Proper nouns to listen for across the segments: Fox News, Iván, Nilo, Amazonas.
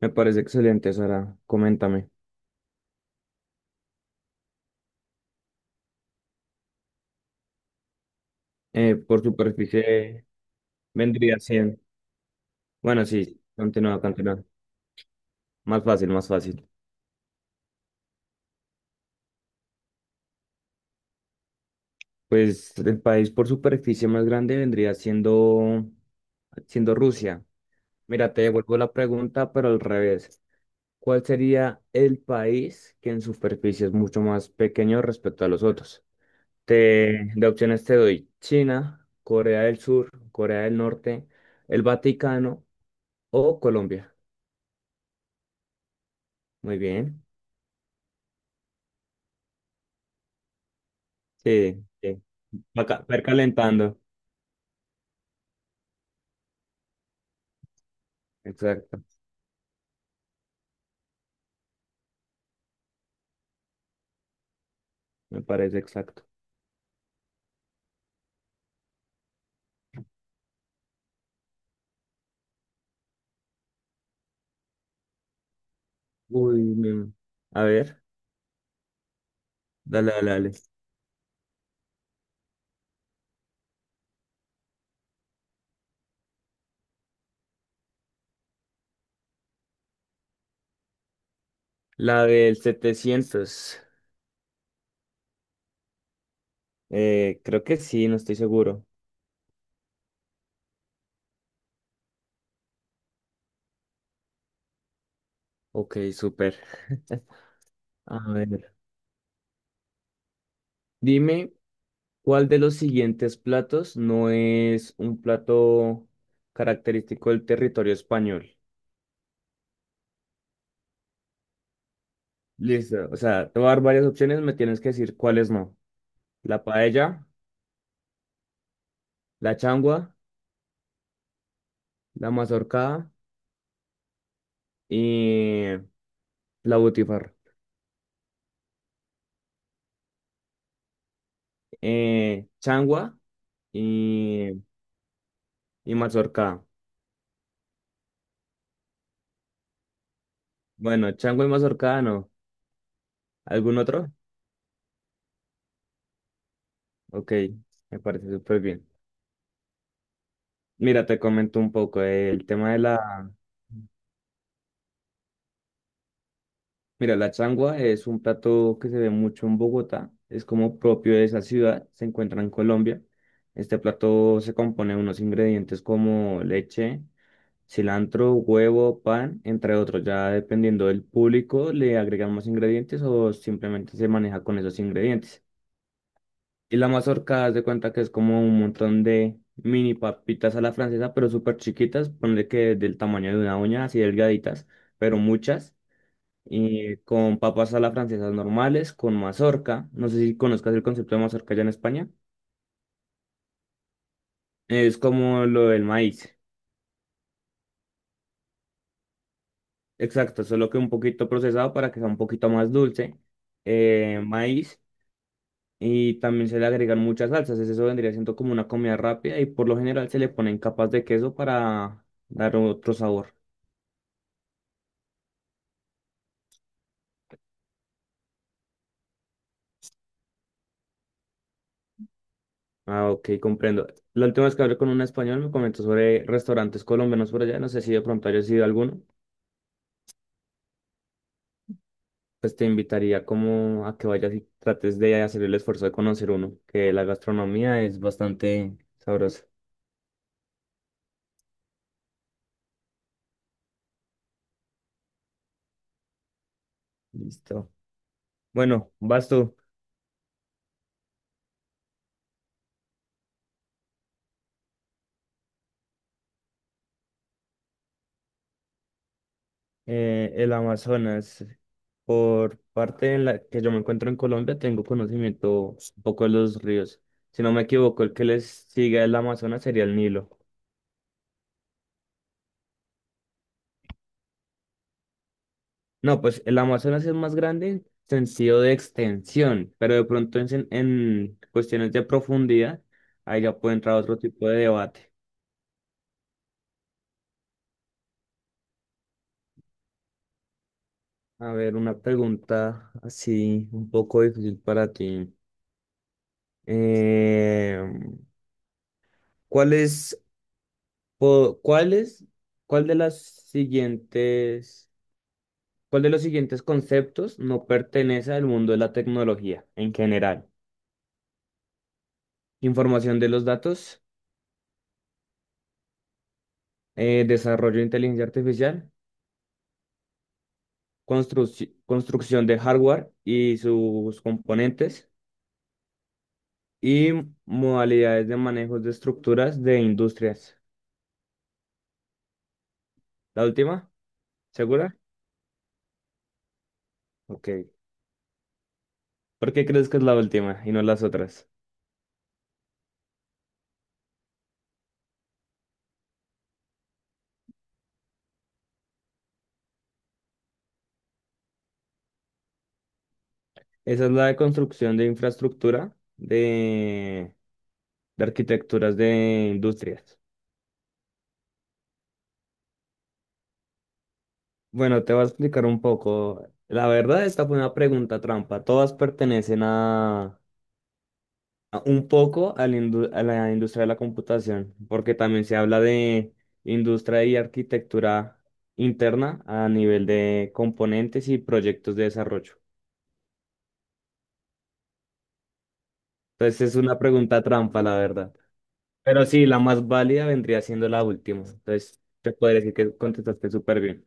Me parece excelente, Sara. Coméntame. Por superficie vendría 100. Bueno, sí, continúa. Más fácil. Pues el país por superficie más grande vendría siendo Rusia. Mira, te devuelvo la pregunta, pero al revés. ¿Cuál sería el país que en superficie es mucho más pequeño respecto a los otros? Te, de opciones te doy China, Corea del Sur, Corea del Norte, el Vaticano o Colombia. Muy bien. Sí, sí. Va calentando. Exacto. Me parece exacto. Uy, mi- a ver. Dale. La del 700. Creo que sí, no estoy seguro. Ok, súper. A ver. Dime, ¿cuál de los siguientes platos no es un plato característico del territorio español? Listo. O sea, te voy a dar varias opciones, me tienes que decir cuáles no. La paella, la changua, la mazorca y la butifarra. Changua y, y mazorca. Bueno, changua y mazorca no. ¿Algún otro? Ok, me parece súper bien. Mira, te comento un poco el tema de la... Mira, la changua es un plato que se ve mucho en Bogotá, es como propio de esa ciudad, se encuentra en Colombia. Este plato se compone de unos ingredientes como leche, cilantro, huevo, pan, entre otros. Ya dependiendo del público, le agregan más ingredientes o simplemente se maneja con esos ingredientes. Y la mazorca, haz de cuenta que es como un montón de mini papitas a la francesa, pero súper chiquitas, ponle que del tamaño de una uña, así delgaditas, pero muchas. Y con papas a la francesa normales, con mazorca. No sé si conozcas el concepto de mazorca allá en España. Es como lo del maíz. Exacto, solo que un poquito procesado para que sea un poquito más dulce. Maíz y también se le agregan muchas salsas. Eso vendría siendo como una comida rápida y por lo general se le ponen capas de queso para dar otro sabor. Ah, ok, comprendo. La última vez que hablé con un español me comentó sobre restaurantes colombianos por allá. No sé si de pronto hayas ido a alguno. Pues te invitaría como a que vayas y trates de hacer el esfuerzo de conocer uno, que la gastronomía es bastante sabrosa. Listo. Bueno, vas tú. El Amazonas. Por parte en la que yo me encuentro en Colombia, tengo conocimiento un poco de los ríos. Si no me equivoco, el que les sigue el Amazonas sería el Nilo. No, pues el Amazonas es más grande en sentido de extensión, pero de pronto en cuestiones de profundidad, ahí ya puede entrar otro tipo de debate. A ver, una pregunta así un poco difícil para ti. Eh, ¿Cuál es ¿Cuál cuál de las siguientes, cuál de los siguientes conceptos no pertenece al mundo de la tecnología en general? Información de los datos, desarrollo de inteligencia artificial, construcción de hardware y sus componentes y modalidades de manejo de estructuras de industrias. ¿La última? ¿Segura? Ok. ¿Por qué crees que es la última y no las otras? Esa es la de construcción de infraestructura de arquitecturas de industrias. Bueno, te voy a explicar un poco. La verdad, esta fue una pregunta trampa. Todas pertenecen a un poco a a la industria de la computación, porque también se habla de industria y arquitectura interna a nivel de componentes y proyectos de desarrollo. Entonces es una pregunta trampa, la verdad. Pero sí, la más válida vendría siendo la última. Entonces, te podría decir que contestaste súper bien.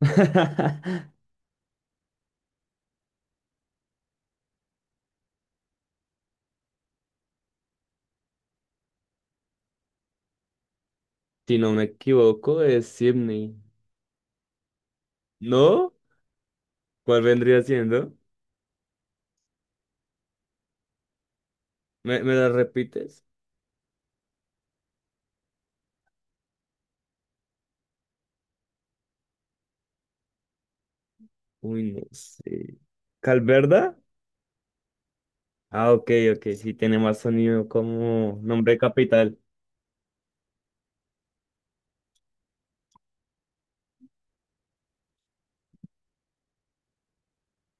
Si no me equivoco, es Sydney. ¿No? ¿Cuál vendría siendo? Me la repites? Uy, no sé. ¿Calverda? Ah, ok, sí tiene más sonido como nombre de capital.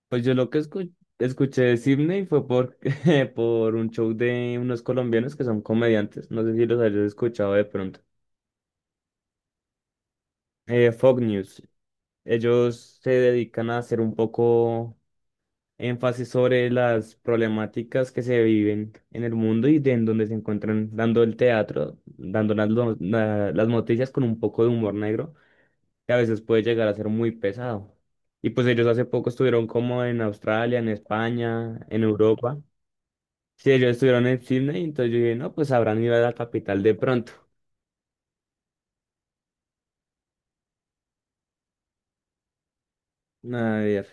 Pues yo lo que escuché de Sydney fue por, por un show de unos colombianos que son comediantes. No sé si los hayas escuchado de pronto. Fox News. Ellos se dedican a hacer un poco énfasis sobre las problemáticas que se viven en el mundo y de en donde se encuentran dando el teatro, dando las noticias con un poco de humor negro, que a veces puede llegar a ser muy pesado. Y pues ellos hace poco estuvieron como en Australia, en España, en Europa. Sí, ellos estuvieron en Sydney, entonces yo dije, no, pues habrán ido a la capital de pronto. A ver,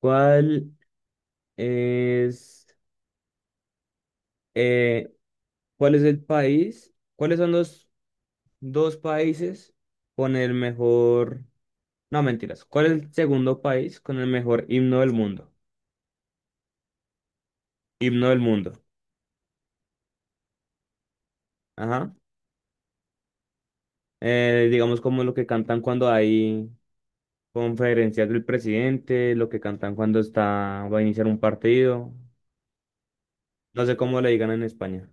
¿cuál es, eh, cuál es el país? ¿Cuáles son los dos países con el mejor... No, mentiras. ¿Cuál es el segundo país con el mejor himno del mundo? Himno del mundo. Ajá. Digamos como lo que cantan cuando hay conferencias del presidente, lo que cantan cuando está, va a iniciar un partido. No sé cómo le digan en España.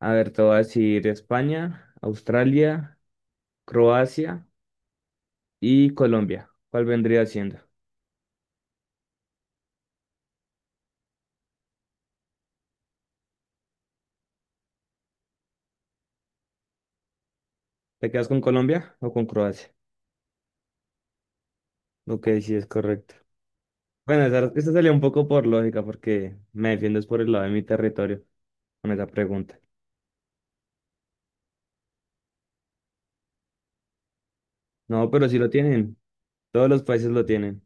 A ver, te voy a decir España, Australia, Croacia y Colombia. ¿Cuál vendría siendo? ¿Te quedas con Colombia o con Croacia? Ok, sí es correcto. Bueno, esta salía un poco por lógica porque me defiendo es por el lado de mi territorio con esa pregunta. No, pero sí lo tienen. Todos los países lo tienen.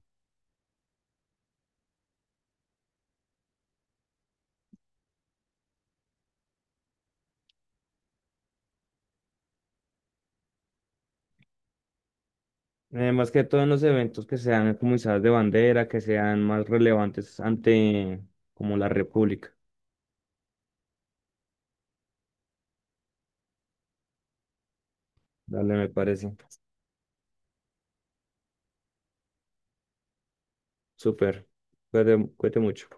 Más que todo en los eventos que sean como izadas de bandera, que sean más relevantes ante como la República. Dale, me parece. Súper. Cuídate, cuídate mucho.